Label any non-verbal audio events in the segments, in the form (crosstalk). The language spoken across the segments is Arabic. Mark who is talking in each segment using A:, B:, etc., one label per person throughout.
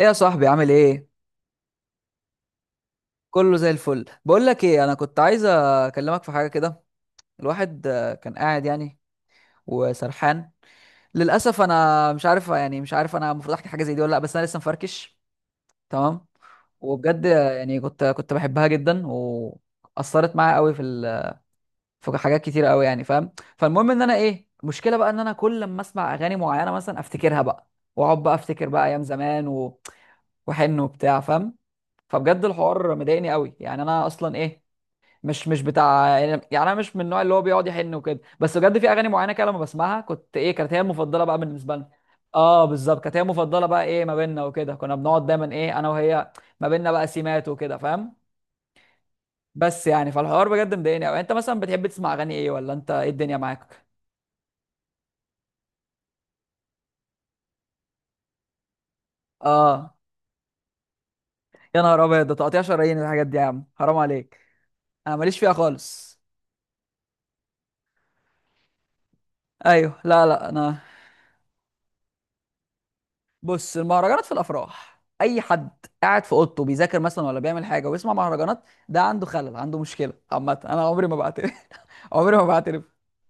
A: ايه يا صاحبي عامل ايه؟ كله زي الفل. بقول لك ايه، انا كنت عايز اكلمك في حاجه كده. الواحد كان قاعد يعني وسرحان. للاسف انا مش عارف، يعني مش عارف انا المفروض احكي حاجه زي دي ولا لا، بس انا لسه مفركش. تمام، وبجد يعني كنت بحبها جدا، واثرت معايا قوي في في حاجات كتير قوي، يعني فاهم. فالمهم ان انا ايه المشكله بقى، ان انا كل لما اسمع اغاني معينه مثلا افتكرها بقى، واقعد بقى افتكر بقى ايام زمان وحن وبتاع، فاهم؟ فبجد الحوار مضايقني قوي، يعني انا اصلا ايه، مش بتاع يعني، يعني انا مش من النوع اللي هو بيقعد يحن وكده، بس بجد في اغاني معينه كده لما بسمعها كنت ايه، كانت هي المفضله بقى بالنسبه لنا. اه بالظبط، كانت هي المفضله بقى، ايه، ما بيننا وكده، كنا بنقعد دايما ايه انا وهي، ما بيننا بقى سيمات وكده، فاهم؟ بس يعني فالحوار بجد مضايقني قوي. انت مثلا بتحب تسمع اغاني ايه؟ ولا انت ايه الدنيا معاك؟ اه، يا نهار ابيض، ده تقطيع شرايين الحاجات دي، يا عم حرام عليك. انا ماليش فيها خالص. ايوه، لا لا، انا بص، المهرجانات في الافراح اي حد. قاعد في اوضته بيذاكر مثلا ولا بيعمل حاجه ويسمع مهرجانات، ده عنده خلل، عنده مشكله. عامه انا عمري ما بعترف (laughs) عمري ما بعترف.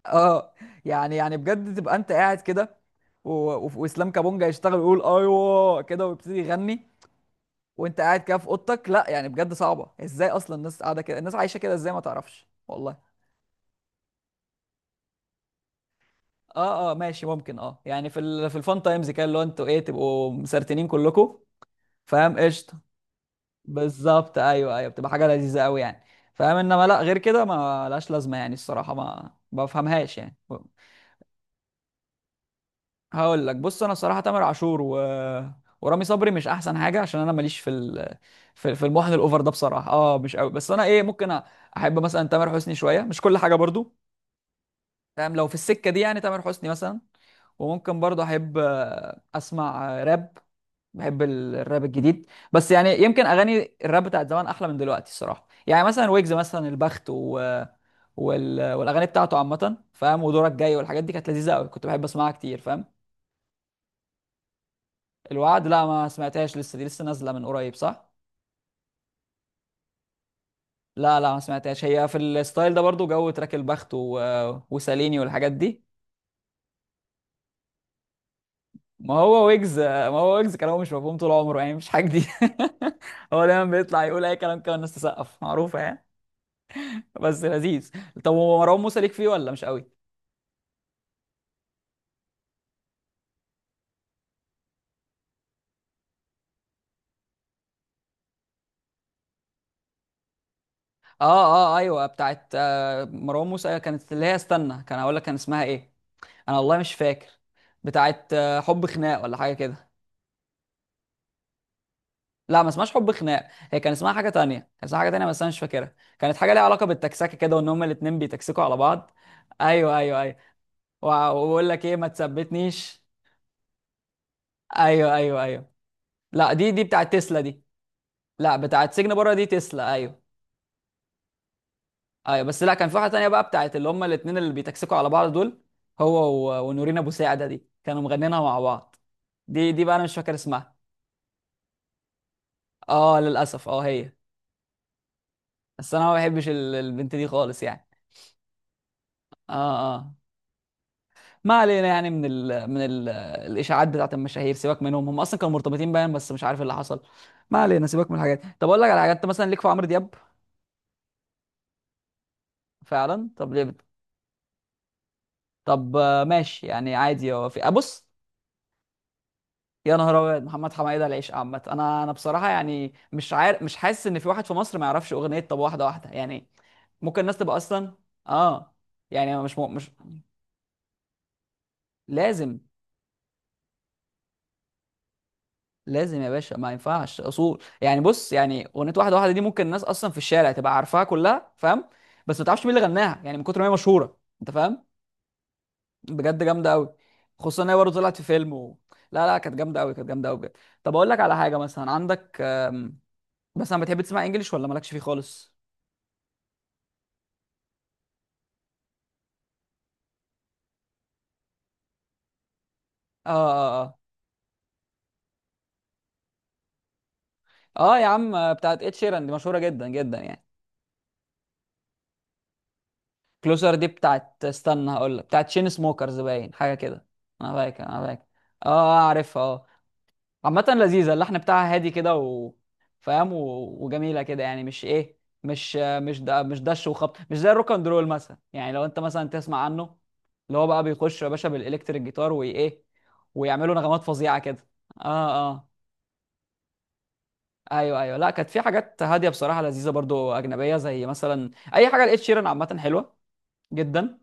A: اه يعني، يعني بجد تبقى انت قاعد كده واسلام كابونجا يشتغل ويقول ايوه كده ويبتدي يغني، وانت قاعد كده في اوضتك؟ لا يعني بجد صعبه. ازاي اصلا الناس قاعده كده؟ الناس عايشه كده ازاي؟ ما تعرفش والله. اه اه ماشي ممكن، اه يعني في في الفان تايمز كده، اللي هو انتوا ايه، تبقوا مسرتنين كلكم، فاهم؟ قشطه. بالظبط، ايوه ايوه، بتبقى حاجه لذيذه قوي، يعني فاهم. انما لا، غير كده ما لهاش لازمه يعني. الصراحه ما بفهمهاش يعني. هقول لك، بص انا الصراحه تامر عاشور ورامي صبري مش احسن حاجه، عشان انا ماليش في في في المحن الاوفر ده، بصراحه اه مش قوي. بس انا ايه، ممكن احب مثلا تامر حسني شويه، مش كل حاجه برضو، فاهم؟ لو في السكه دي يعني، تامر حسني مثلا. وممكن برضو احب اسمع راب. بحب الراب الجديد، بس يعني يمكن اغاني الراب بتاعت زمان احلى من دلوقتي الصراحه. يعني مثلا ويجز، مثلا البخت و... وال... والاغاني بتاعته عامه، فاهم؟ ودورك جاي والحاجات دي كانت لذيذه قوي، كنت بحب اسمعها كتير فاهم. الوعد، لا ما سمعتهاش لسه، دي لسه نازله من قريب، صح؟ لا لا ما سمعتهاش، هي في الستايل ده برضو، جو تراك البخت وساليني والحاجات دي. ما هو ويجز، ما هو ويجز كلامه مش مفهوم طول عمره يعني، مش حاجه دي. (laughs) هو دايما بيطلع يقول اي كلام كده، الناس تسقف، معروفه يعني. بس لذيذ. طب هو مروان موسى ليك فيه ولا مش قوي؟ اه اه ايوه، بتاعت آه مروان موسى، كانت اللي هي، استنى كان هقول لك، كان اسمها ايه؟ انا والله مش فاكر. بتاعت آه حب خناق ولا حاجه كده. لا ما اسمهاش حب خناق، هي كان اسمها حاجه تانية، كان اسمها حاجه تانية بس انا مش فاكرها. كانت حاجه ليها علاقه بالتكسكه كده، وان هما الاتنين بيتكسكوا على بعض. ايوه ايوه ايوه، وبقول لك ايه، ما تثبتنيش. ايوه ايوه ايوه، لا دي بتاعت تسلا دي. لا، بتاعت سجن بره دي تسلا، ايوه. ايوه بس لا، كان في واحده تانية بقى، بتاعت اللي هما الاثنين اللي بيتكسكوا على بعض دول. هو ونورين ابو ساعده دي كانوا مغنينها مع بعض، دي دي بقى انا مش فاكر اسمها. اه للاسف، اه هي. بس انا ما بحبش البنت دي خالص يعني. اه اه. ما علينا، يعني من ال من ال الاشاعات بتاعت المشاهير، سيبك منهم، هم اصلا كانوا مرتبطين باين بس مش عارف إيه اللي حصل. ما علينا، سيبك من الحاجات دي. طب اقول لك على حاجات، انت مثلا ليك في عمرو دياب؟ فعلا، طب ليه طب ماشي، يعني عادي، هو في ابص، يا نهار ابيض، محمد حمايده العيش عامه. انا بصراحه يعني مش عارف، مش حاسس ان في واحد في مصر ما يعرفش اغنيه طب واحده واحده يعني. ممكن الناس تبقى اصلا، اه يعني مش لازم. لازم يا باشا، ما ينفعش اصول يعني. بص يعني اغنيه واحده واحده دي ممكن الناس اصلا في الشارع تبقى عارفاها كلها، فاهم؟ بس ما تعرفش مين اللي غناها يعني، من كتر ما هي مشهوره، انت فاهم؟ بجد جامده قوي. خصوصا ان هي برضه طلعت في فيلم لا لا كانت جامده قوي، كانت جامده قوي بجد. طب اقول لك على حاجه، مثلا عندك، مثلا بتحب تسمع انجليش ولا مالكش فيه خالص؟ اه اه. اه اه، يا عم، بتاعت اتش شيران دي مشهوره جدا جدا يعني. كلوزر دي بتاعت، استنى هقول لك، بتاعت شين سموكرز باين، حاجه كده، انا فاكر. اه عارفها، اه. عامه لذيذه، اللحن بتاعها هادي كده و فاهم وجميله كده يعني، مش ايه، مش مش ده، مش دش وخبط، مش زي الروك اند رول مثلا يعني. لو انت مثلا تسمع عنه، اللي هو بقى بيخش يا باشا بالالكتريك جيتار وايه، ويعملوا نغمات فظيعه كده. اه اه، ايوه ايوه، لا كانت في حاجات هاديه بصراحه لذيذه برضو اجنبيه، زي مثلا، اي حاجه لقيت شيرن عامه حلوه جدا.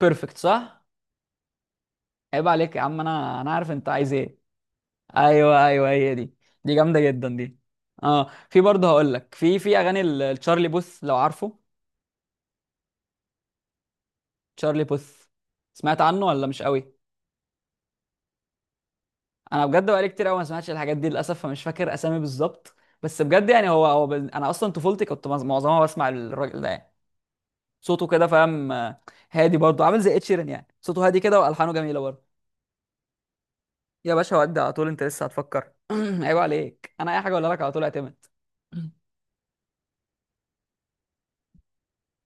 A: بيرفكت، صح. عيب عليك يا عم، انا عارف انت عايز ايه. ايوه ايوه هي دي، دي جامده جدا دي. اه، في برضه هقول لك، في اغاني التشارلي بوث لو عارفه. تشارلي بوث، سمعت عنه ولا مش قوي؟ انا بجد بقالي كتير قوي ما سمعتش الحاجات دي للاسف، فمش فاكر اسامي بالظبط، بس بجد يعني هو انا اصلا طفولتي كنت معظمها بسمع الراجل ده يعني. صوته كده، فاهم؟ هادي برضه، عامل زي ed sheeran يعني، صوته هادي كده والحانه جميله برضه. يا باشا، ودي على طول، انت لسه هتفكر؟ (clears throat) عيب عليك، انا اي حاجه اقولها لك على طول اعتمد.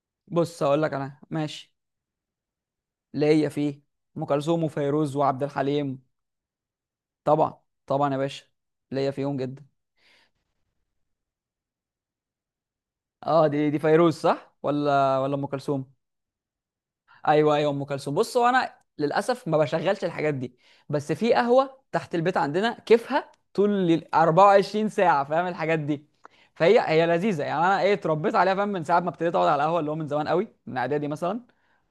A: (clears throat) بص اقول لك، انا ماشي ليا فيه ام كلثوم وفيروز وعبد الحليم. طبعا، طبعا يا باشا، ليا فيهم جدا. اه، دي فيروز، صح ولا ام كلثوم؟ ايوه ايوه ام كلثوم. بص، هو انا للاسف ما بشغلش الحاجات دي، بس في قهوه تحت البيت عندنا كيفها طول ال 24 ساعه، فاهم الحاجات دي. فهي لذيذه يعني، انا ايه اتربيت عليها، فاهم؟ من ساعه ما ابتديت اقعد على القهوه، اللي هو من زمان قوي، من اعدادي مثلا،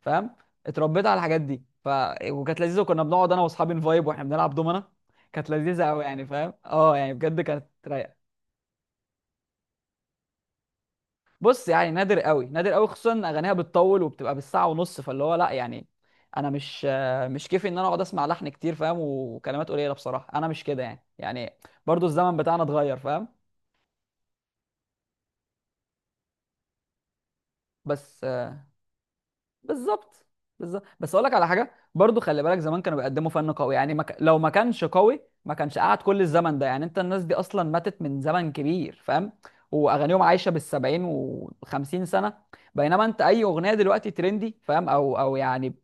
A: فاهم؟ اتربيت على الحاجات دي. ف وكانت لذيذه، وكنا بنقعد انا واصحابي نفايب واحنا بنلعب دومنا، كانت لذيذه قوي يعني، فاهم؟ اه يعني بجد كانت رايقه. بص يعني نادر قوي، نادر قوي، خصوصا ان اغانيها بتطول وبتبقى بالساعه ونص، فاللي هو لا يعني. انا مش كيفي ان انا اقعد اسمع لحن كتير، فاهم؟ وكلمات قليله. بصراحه انا مش كده يعني، يعني برضو الزمن بتاعنا اتغير، فاهم؟ بس بالظبط، بالظبط، بس اقول لك على حاجه برضو، خلي بالك زمان كانوا بيقدموا فن قوي يعني. ما ك... لو ما كانش قوي ما كانش قعد كل الزمن ده يعني. انت الناس دي اصلا ماتت من زمن كبير، فاهم؟ واغانيهم عايشه بالسبعين وخمسين سنه. بينما انت، اي اغنيه دلوقتي ترندي، فاهم، او او يعني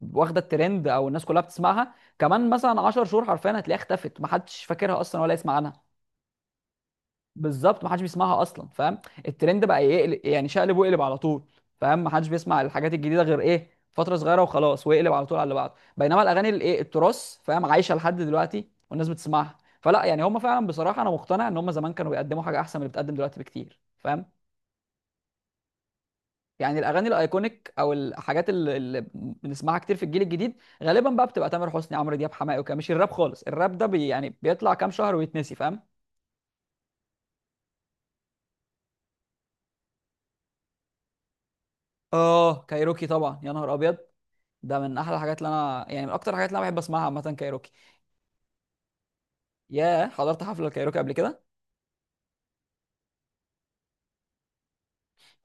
A: واخده الترند او الناس كلها بتسمعها، كمان مثلا 10 شهور حرفيا هتلاقيها اختفت، ما حدش فاكرها اصلا ولا يسمع عنها. بالظبط، ما حدش بيسمعها اصلا، فاهم؟ الترند بقى يقلب يعني، شقلب وقلب على طول، فاهم؟ ما حدش بيسمع الحاجات الجديده غير ايه فتره صغيره وخلاص، ويقلب على طول على اللي بعده. بينما الاغاني الايه التراث، فاهم، عايشه لحد دلوقتي والناس بتسمعها. فلا يعني، هم فعلا بصراحه انا مقتنع ان هم زمان كانوا بيقدموا حاجه احسن من اللي بتقدم دلوقتي بكتير، فاهم؟ يعني الاغاني الايكونيك او الحاجات اللي بنسمعها كتير في الجيل الجديد غالبا بقى بتبقى تامر حسني، عمرو دياب، حماقي وكده، مش الراب خالص. الراب ده بي يعني بيطلع كام شهر ويتنسي، فاهم؟ اه كايروكي طبعا، يا نهار ابيض، ده من احلى الحاجات اللي انا يعني، من اكتر الحاجات اللي انا بحب اسمعها عامه، كايروكي. ياه، حضرت حفله الكايروكي قبل كده؟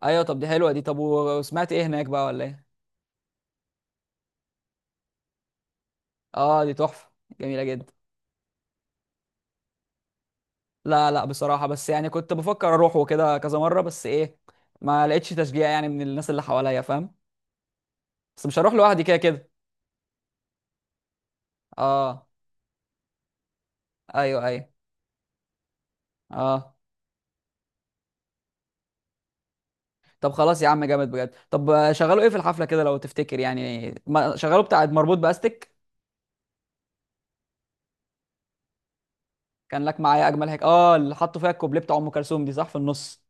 A: ايوه، طب دي حلوه دي، طب وسمعت ايه هناك بقى ولا ايه؟ اه دي تحفه، جميله جدا. لا لا بصراحه، بس يعني كنت بفكر اروح وكده كذا مره، بس ايه، ما لقيتش تشجيع يعني من الناس اللي حواليا، فاهم؟ بس مش هروح لوحدي كده كده. اه، ايوه ايوه. اه. طب خلاص يا عم، جامد بجد. طب شغلوا ايه في الحفله كده لو تفتكر؟ يعني شغلوا بتاع مربوط باستك؟ كان لك معايا، اجمل هيك، اه، اللي حطوا فيها الكوبليه بتاع ام كلثوم دي، صح، في النص.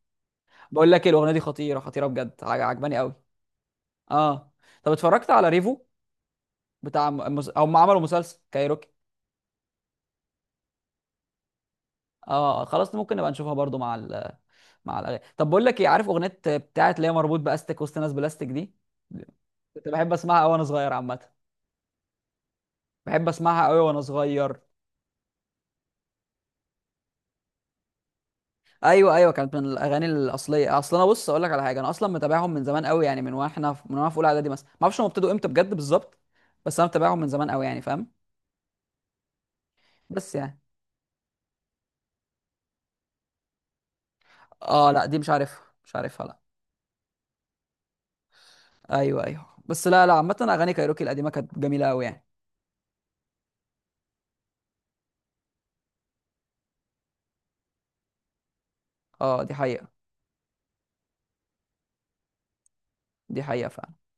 A: بقول لك إيه، الاغنيه دي خطيره، خطيره بجد، عجباني قوي. اه. طب اتفرجت على ريفو بتاع هم عملوا مسلسل كايروكي. اه خلاص، ممكن نبقى نشوفها برضو مع مع الاغاني. طب بقول لك ايه، عارف اغنيه بتاعت اللي هي مربوط باستك وسط ناس بلاستيك دي؟ كنت بحب اسمعها قوي وانا صغير عامه. بحب اسمعها قوي وانا صغير. ايوه ايوه، كانت من الاغاني الاصليه. اصل انا بص اقول لك على حاجه، انا اصلا متابعهم من زمان قوي يعني، من من وانا في اولى اعدادي مثلا، ما اعرفش هم ابتدوا امتى بجد بالظبط، بس انا متابعهم من زمان قوي يعني، فاهم؟ بس يعني اه لا دي مش عارفها، لا. ايوه ايوه، بس لا لا، عامة اغاني كايروكي القديمة كانت جميلة قوي يعني. اه دي حقيقة. دي حقيقة فعلا.